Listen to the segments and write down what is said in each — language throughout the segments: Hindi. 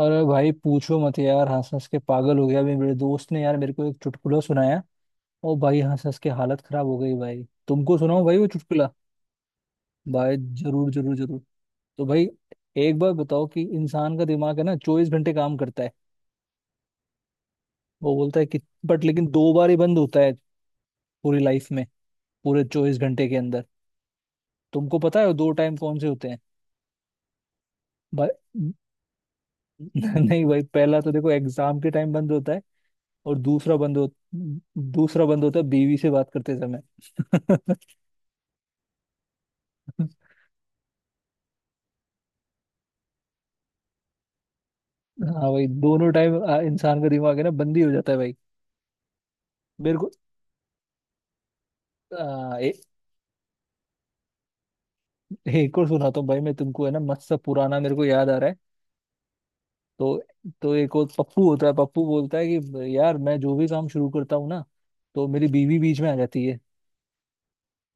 अरे भाई पूछो मत यार हंस हंस के पागल हो गया। अभी मेरे दोस्त ने यार मेरे को एक चुटकुला सुनाया। और भाई हंस हंस के हालत खराब हो गई भाई। तुमको सुनाओ भाई वो चुटकुला। भाई जरूर जरूर जरूर। तो भाई एक बार बताओ कि इंसान का दिमाग है ना 24 घंटे काम करता है। वो बोलता है कि बट लेकिन दो बार ही बंद होता है। पूरी लाइफ में। पूरे 24 घंटे के अंदर। तुमको पता है वो दो टाइम कौन से होते हैं? भाई। नहीं भाई पहला तो देखो एग्जाम के टाइम बंद होता है। और दूसरा बंद होता है बीवी से बात करते समय। हाँ भाई दोनों टाइम। इंसान का दिमाग है ना बंद ही हो जाता है भाई। मेरे को आ, ए, एक और सुनाता हूँ भाई मैं तुमको है ना मस्त सा पुराना मेरे को याद आ रहा है। तो तो एक और पप्पू होता है। पप्पू बोलता है कि यार मैं जो भी काम शुरू करता हूँ ना तो मेरी बीवी बीच में आ जाती है।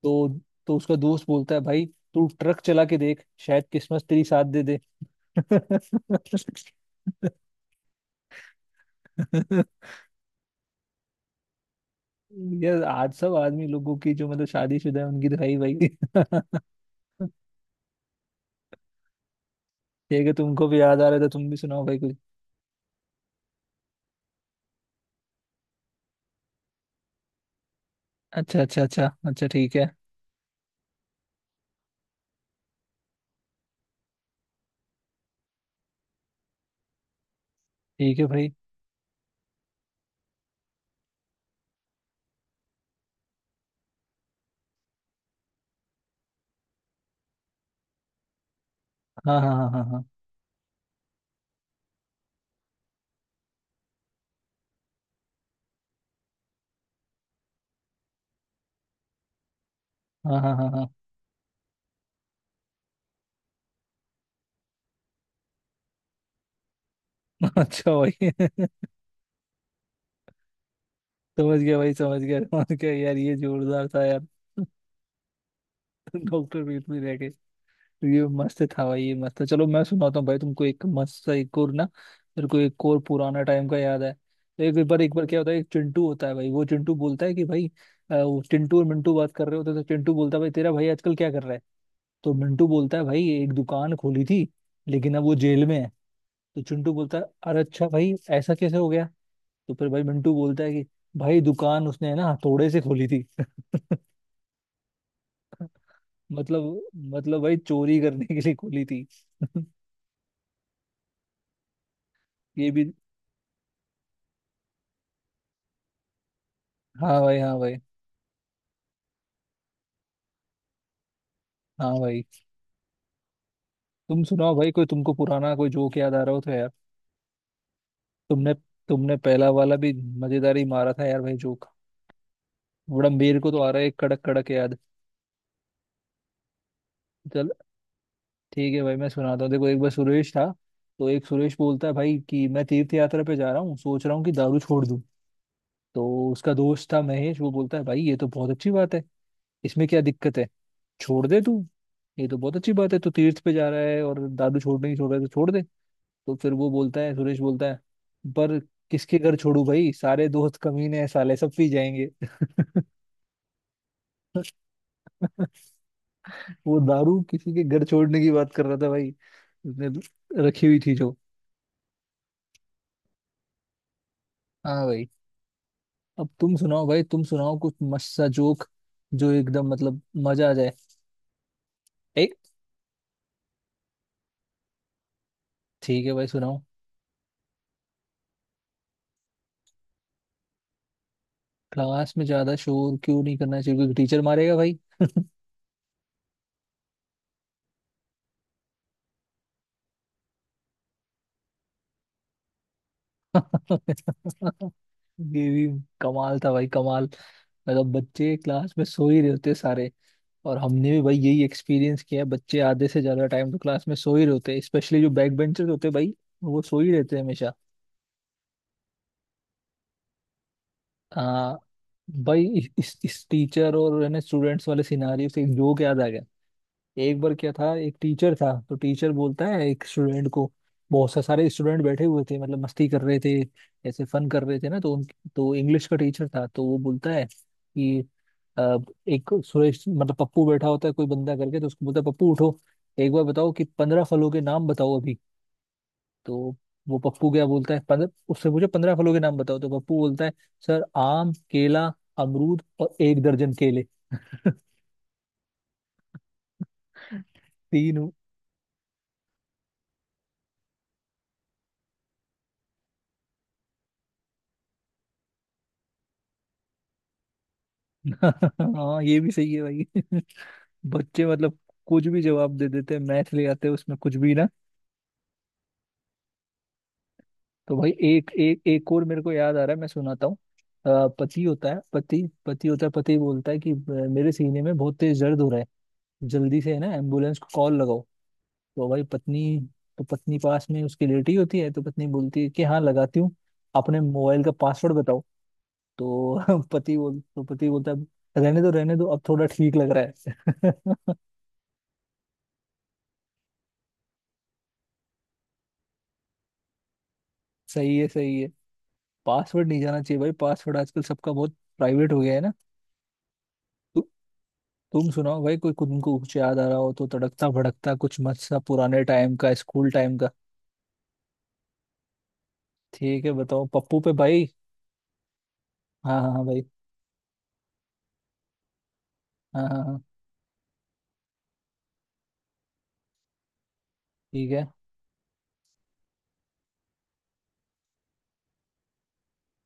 तो तो उसका दोस्त बोलता है भाई तू ट्रक चला के देख शायद किस्मत तेरी साथ दे दे। ये आज सब आदमी लोगों की जो मतलब शादीशुदा है उनकी तो है ही भाई। ठीक है कि तुमको भी याद आ रहा था। तुम भी सुनाओ भाई कुछ। अच्छा अच्छा अच्छा अच्छा, ठीक है। ठीक है भाई। हाँ हाँ हाँ हाँ। हाँ हाँ हाँ हाँ हाँ। अच्छा भाई। समझ गया भाई, समझ गया, समझ गया यार, ये जोरदार था यार। डॉक्टर पीठ में रह गए। तो ये मस्त था भाई, ये मस्त था। चलो मैं सुनाता हूँ भाई तुमको एक मस्त सा एक और ना। मेरे को एक और पुराना टाइम का याद है। एक बार क्या होता है, एक चिंटू होता है भाई। वो चिंटू बोलता है कि भाई वो चिंटू और मिंटू बात कर रहे होते हैं, तो चिंटू बोलता है भाई तेरा भाई आजकल क्या कर रहा है। तो मिंटू बोलता है भाई एक दुकान खोली थी लेकिन अब वो जेल में है। तो चिंटू बोलता है अरे अच्छा भाई ऐसा कैसे हो गया? तो फिर भाई मिंटू बोलता है कि भाई दुकान उसने ना हथौड़े से खोली थी। मतलब मतलब भाई चोरी करने के लिए खोली थी। ये भी। हाँ भाई, हाँ भाई, हाँ भाई। तुम सुनाओ भाई कोई तुमको पुराना कोई जोक याद आ रहा हो तो यार। तुमने तुमने पहला वाला भी मजेदार ही मारा था यार भाई जोक। बड़ा मेरे को तो आ रहा है एक कड़क कड़क याद। चल ठीक है भाई मैं सुनाता हूँ। देखो एक बार सुरेश था। तो एक सुरेश बोलता है भाई कि मैं तीर्थ यात्रा पे जा रहा हूँ, सोच रहा हूँ कि दारू छोड़ दूँ। तो उसका दोस्त था महेश, वो बोलता है भाई ये तो बहुत अच्छी बात है, इसमें क्या दिक्कत है, छोड़ दे तू। ये तो बहुत अच्छी बात है तू तीर्थ पे जा रहा है और दादू छोड़ने नहीं छोड़ रहा है तो छोड़ दे। तो फिर वो बोलता है, सुरेश बोलता है पर किसके घर छोड़ू भाई, सारे दोस्त कमीने हैं साले सब पी जाएंगे। वो दारू किसी के घर छोड़ने की बात कर रहा था भाई। उसने रखी हुई थी जो। हाँ भाई। अब तुम सुनाओ भाई, तुम सुनाओ कुछ मस्त सा जोक जो एकदम मतलब मजा आ जाए। एक। ठीक है भाई सुनाओ। क्लास में ज्यादा शोर क्यों नहीं करना चाहिए? क्योंकि टीचर मारेगा भाई। ये भी कमाल था भाई, कमाल। मतलब बच्चे क्लास में सो ही रहे होते सारे। और हमने भी भाई यही एक्सपीरियंस किया है, बच्चे आधे से ज्यादा टाइम तो क्लास में सो ही रहे होते हैं, स्पेशली जो बैक बेंचर्स होते हैं भाई। वो सो ही रहते हैं हमेशा। आ, भाई इस टीचर और है ना स्टूडेंट्स वाले सिनारियो से एक जोक याद आ गया। एक बार क्या था, एक टीचर था तो टीचर बोलता है एक स्टूडेंट को। बहुत सा सारे स्टूडेंट बैठे हुए थे मतलब मस्ती कर रहे थे। ऐसे फन कर रहे थे ना तो उन, तो इंग्लिश का टीचर था तो वो बोलता है कि अ, एक सुरेश मतलब पप्पू बैठा होता है कोई बंदा करके तो उसको बोलता है पप्पू उठो, एक बार बताओ कि 15 फलों के नाम बताओ अभी। तो वो पप्पू क्या बोलता है, 15 उससे पूछे, 15 फलों के नाम बताओ तो पप्पू बोलता है सर आम, केला, अमरूद और 1 दर्जन केले। तीन। हाँ ये भी सही है भाई। बच्चे मतलब कुछ भी जवाब दे देते हैं, मैथ ले आते हैं उसमें कुछ भी ना। तो भाई एक एक एक और मेरे को याद आ रहा है, मैं सुनाता हूँ। पति बोलता है कि " मेरे सीने में बहुत तेज दर्द हो रहा है, जल्दी से है ना एम्बुलेंस को कॉल लगाओ। तो भाई पत्नी, तो पत्नी पास में उसकी लेटी होती है तो पत्नी बोलती है कि हाँ लगाती हूँ, अपने मोबाइल का पासवर्ड बताओ। तो पति बोल तो पति बोलता है रहने दो अब थोड़ा ठीक लग रहा है। सही है सही है। पासवर्ड नहीं जाना चाहिए भाई, पासवर्ड आजकल सबका बहुत प्राइवेट हो गया है ना। तु, तुम सुनाओ भाई कोई तुमको कुछ याद आ रहा हो तो तड़कता भड़कता कुछ मत सा पुराने टाइम का स्कूल टाइम का। ठीक है बताओ पप्पू पे भाई। हाँ हाँ हाँ भाई। हाँ हाँ हाँ। ठीक है।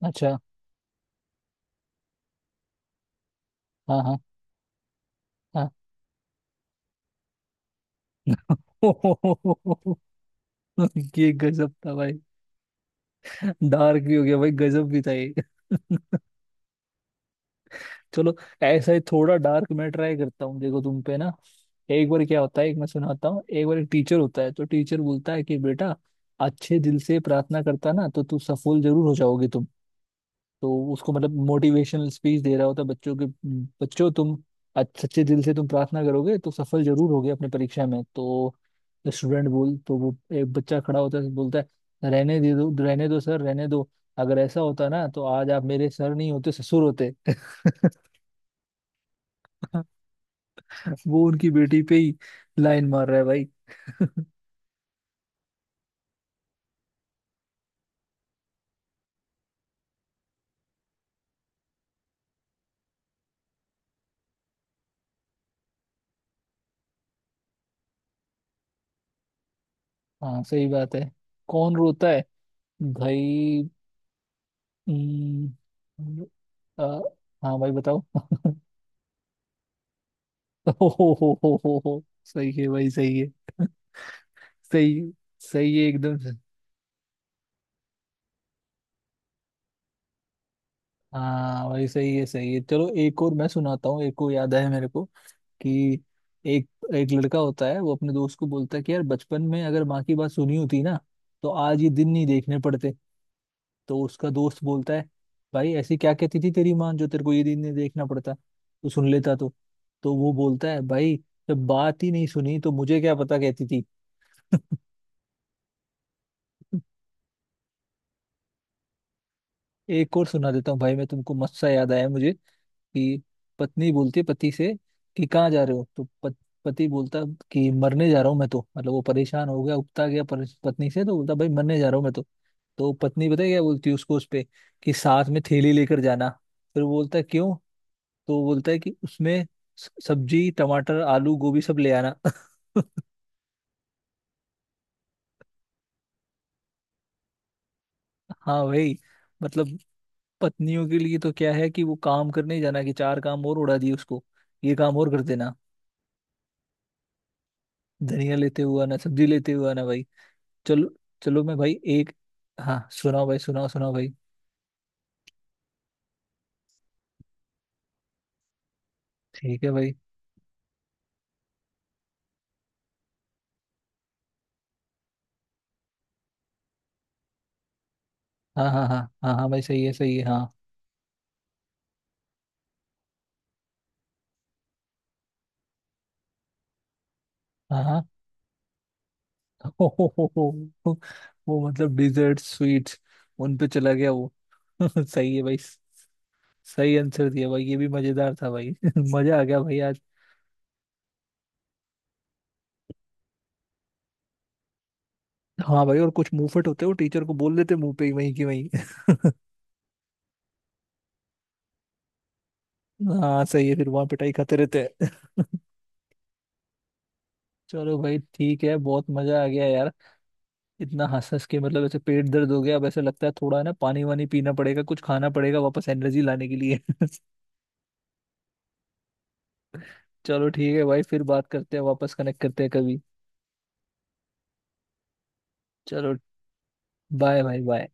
अच्छा। हाँ हाँ हाँ। ये गजब था भाई। डार्क भी हो गया भाई, गजब भी था ये। चलो ऐसा ही थोड़ा डार्क मैं ट्राई करता हूँ, देखो तुम पे ना। एक बार क्या होता है, एक मैं सुनाता हूँ, एक बार एक टीचर होता है तो टीचर बोलता है कि बेटा अच्छे दिल से प्रार्थना करता ना तो तू सफल जरूर हो जाओगे तुम। तो उसको मतलब मोटिवेशनल स्पीच दे रहा होता है बच्चों के, बच्चों तुम अच्छे सच्चे दिल से तुम प्रार्थना करोगे तो सफल जरूर होगे अपनी परीक्षा में तो। स्टूडेंट बोल तो वो एक बच्चा खड़ा होता है, बोलता है रहने दे दो, रहने दो सर, रहने दो, अगर ऐसा होता ना तो आज आप मेरे सर नहीं होते, ससुर होते। वो उनकी बेटी पे ही लाइन मार रहा है भाई। हाँ सही बात है, कौन रोता है भाई। हम्म। आ, हाँ भाई बताओ। हो हो। हो, सही है भाई सही है। सही। सही है एकदम से। हाँ भाई सही है सही है। चलो एक और मैं सुनाता हूँ, एक और याद है मेरे को कि एक एक लड़का होता है वो अपने दोस्त को बोलता है कि यार बचपन में अगर माँ की बात सुनी होती ना तो आज ये दिन नहीं देखने पड़ते। तो उसका दोस्त बोलता है भाई ऐसी क्या कहती थी तेरी माँ जो तेरे को ये दिन नहीं देखना पड़ता तो सुन लेता तो। तो वो बोलता है भाई जब बात ही नहीं सुनी तो मुझे क्या पता कहती थी। एक और सुना देता हूँ भाई मैं तुमको, मस्त सा याद आया मुझे कि पत्नी बोलती है पति से कि कहाँ जा रहे हो तो पति बोलता कि मरने जा रहा हूँ मैं तो। मतलब वो परेशान हो गया उकता गया पर, पत्नी से तो बोलता भाई मरने जा रहा हूँ मैं तो। तो पत्नी पता है क्या बोलती है उसको उस पे कि साथ में थैली लेकर जाना। फिर वो बोलता है क्यों? तो वो बोलता है कि उसमें सब्जी, टमाटर, आलू, गोभी सब ले आना। हाँ भाई मतलब पत्नियों के लिए तो क्या है कि वो काम करने ही जाना कि चार काम और उड़ा दिए उसको, ये काम और कर देना। धनिया लेते हुआ ना, सब्जी लेते हुआ ना भाई। चलो चलो मैं भाई एक। हाँ सुनाओ भाई, सुनाओ सुनाओ भाई। ठीक है भाई। हाँ हाँ हाँ हाँ। हाँ भाई सही है सही है। हाँ हाँ हाँ। हो, वो मतलब डिजर्ट स्वीट्स उन पे चला गया वो। सही है भाई, सही आंसर दिया भाई, ये भी मजेदार था भाई। मजा आ गया भाई आज। हाँ भाई और कुछ मुंहफट होते हो टीचर को बोल देते मुंह पे ही वहीं की वहीं। हाँ सही है, फिर वहां पिटाई खाते रहते हैं। चलो भाई ठीक है बहुत मजा आ गया यार। इतना हंस हंस के मतलब ऐसे पेट दर्द हो गया, अब ऐसे लगता है थोड़ा ना पानी वानी पीना पड़ेगा, कुछ खाना पड़ेगा वापस एनर्जी लाने के लिए। चलो ठीक है भाई, फिर बात करते हैं, वापस कनेक्ट करते हैं कभी। चलो। बाय भाई बाय।